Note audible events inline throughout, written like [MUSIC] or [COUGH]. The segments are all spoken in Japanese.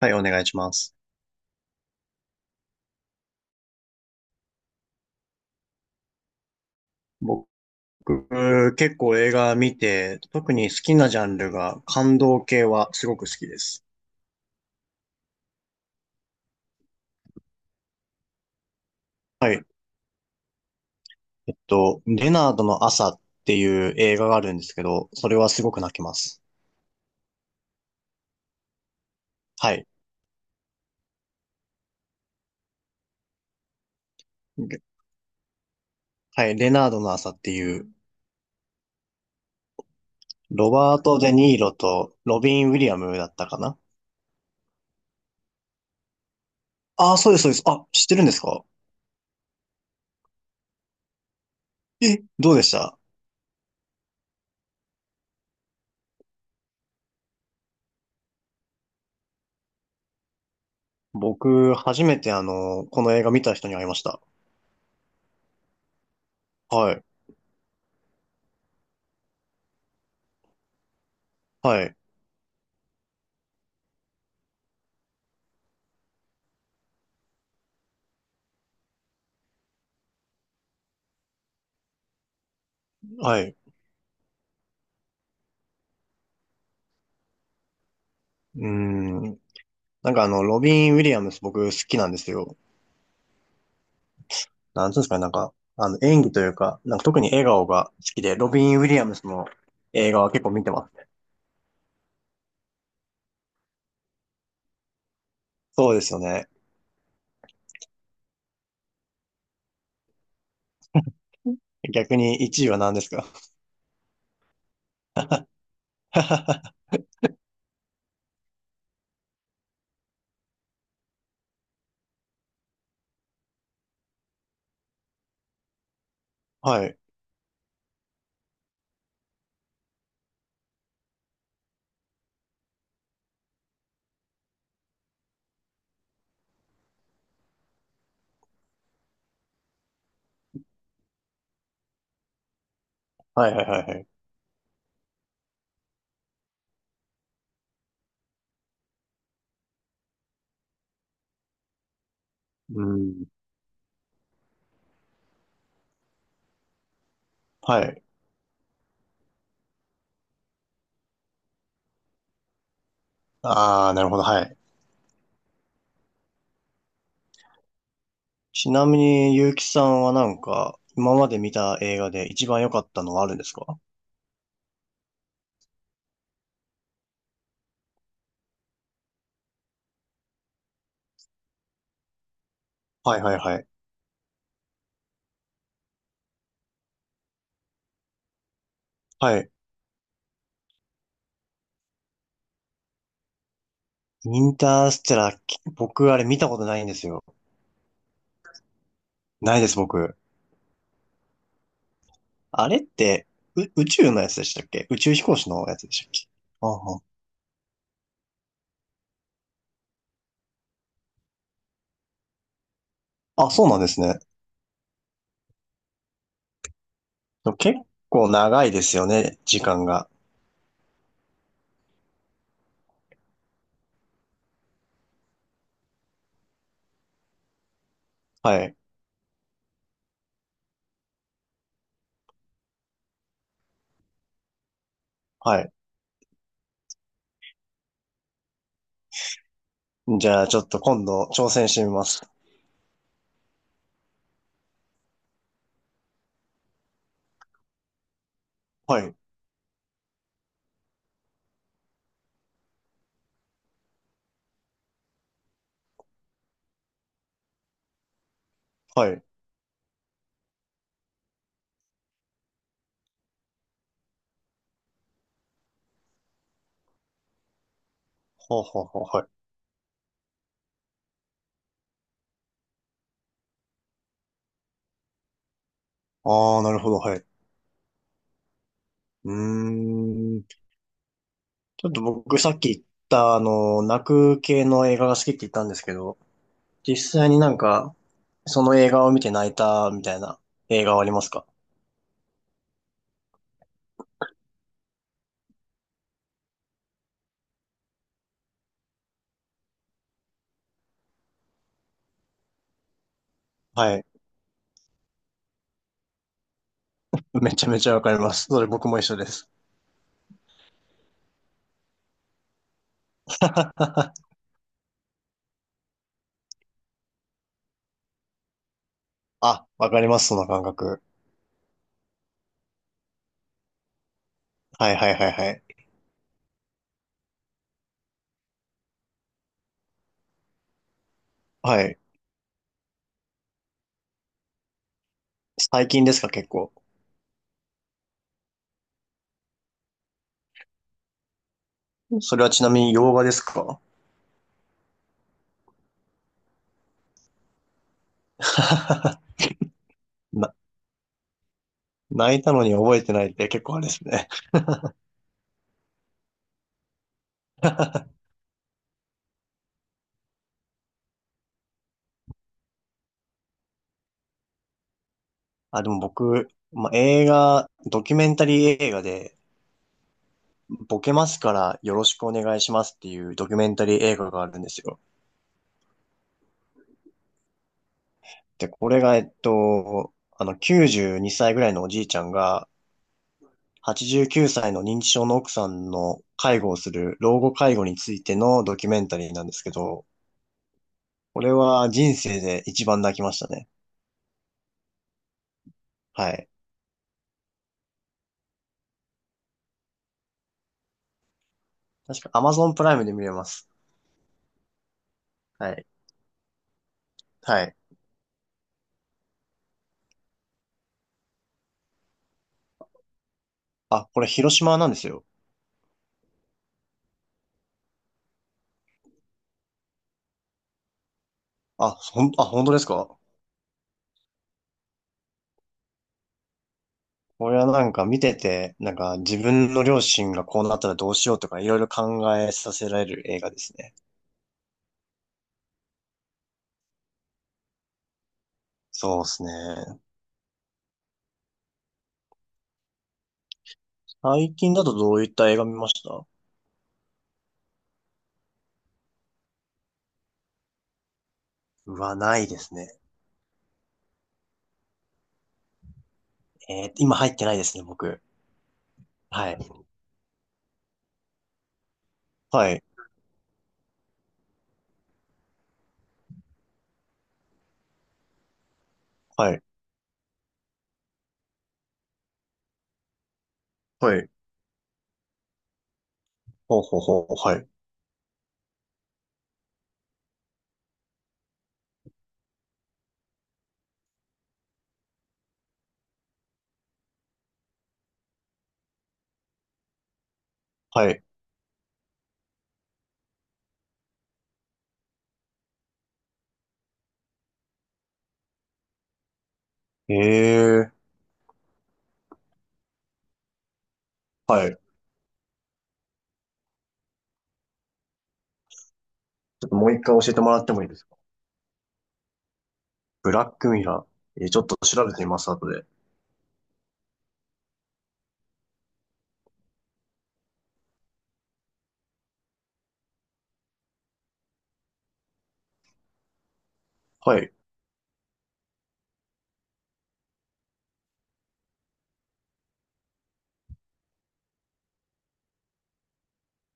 はい、お願いします。僕、結構映画見て、特に好きなジャンルが感動系はすごく好きです。はい。レナードの朝っていう映画があるんですけど、それはすごく泣きます。はい。ではい、レナードの朝っていう、ロバート・デ・ニーロとロビン・ウィリアムだったかな。ああー、そうです、そうです。あ、知ってるんですか？え、どうでした？僕、初めてこの映画見た人に会いました。はい。はい。はい。うーん。なんかロビン・ウィリアムス僕好きなんですよ。なんつうんですかね、なんか、演技というか、なんか特に笑顔が好きで、ロビン・ウィリアムスの映画は結構見てます。そうですよね。逆に1位は何ですか？ [LAUGHS] はい。はいはいはいはい。うん。はい。ああ、なるほど、はい。ちなみに、ゆうきさんはなんか、今まで見た映画で一番良かったのはあるんですか？はいはいはい。はい。インターステラー、僕あれ見たことないんですよ。ないです、僕。あれって、宇宙のやつでしたっけ？宇宙飛行士のやつでしたっけ？あはあ、そうなんですね。結構長いですよね、時間が。はい、はい。じゃあ、ちょっと今度挑戦してみます。はい、はい。ほうほうほう、はい。ああ、なるほど、はい。うーん。ちょっと僕さっき言った、泣く系の映画が好きって言ったんですけど、実際になんか、その映画を見て泣いたみたいな映画はありますか？はい。めちゃめちゃわかります。それ僕も一緒です。[LAUGHS] あ、わかります、その感覚。はいはいはいはい。はい。最近ですか、結構。それはちなみに洋画ですか？ [LAUGHS] な、泣いたのに覚えてないって結構あれですね。あ、でも僕、まあ、映画、ドキュメンタリー映画で、ボケますからよろしくお願いしますっていうドキュメンタリー映画があるんですよ。で、これが、92歳ぐらいのおじいちゃんが、89歳の認知症の奥さんの介護をする老後介護についてのドキュメンタリーなんですけど、これは人生で一番泣きましたね。はい。確か Amazon プライムで見れます。はい。はい。あ、これ広島なんですよ。あ、ほん、あ、本当ですか？これはなんか見てて、なんか自分の両親がこうなったらどうしようとかいろいろ考えさせられる映画ですね。そうですね。最近だとどういった映画見ました？うわ、ないですね。今入ってないですね、僕。はい。はい、はい、はい。ほうほうほう、はい、はい。ええ、はい。ちょっともう一回教えてもらってもいいですか？ブラックミラー。ちょっと調べてみます、後で。はい。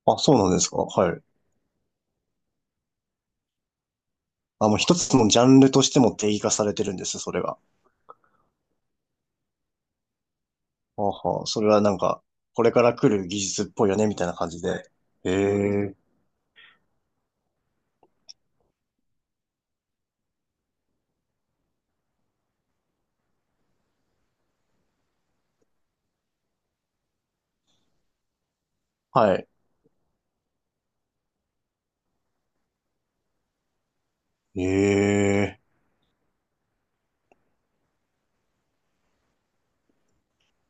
あ、そうなんですか？はい。あ、もう一つのジャンルとしても定義化されてるんです、それが。あはあ、それはなんか、これから来る技術っぽいよね、みたいな感じで。ええ、はい。ええ。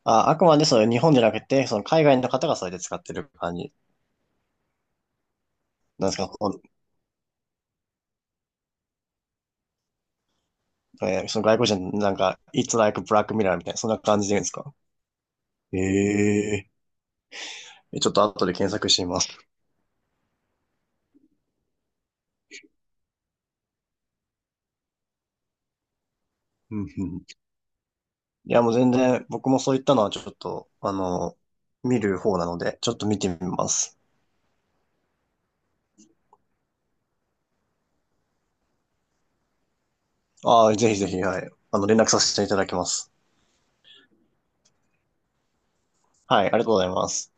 あ、あくまでそれ日本じゃなくて、その海外の方がそれで使ってる感じなんですか？その外国人なんか、It's like Black Mirror みたいな、そんな感じで言うんですか？ええー、ちょっと後で検索してみます。うんうん。いや、もう全然、僕もそういったのはちょっと、見る方なので、ちょっと見てみます。ああ、ぜひぜひ、はい。連絡させていただきます。はい、ありがとうございます。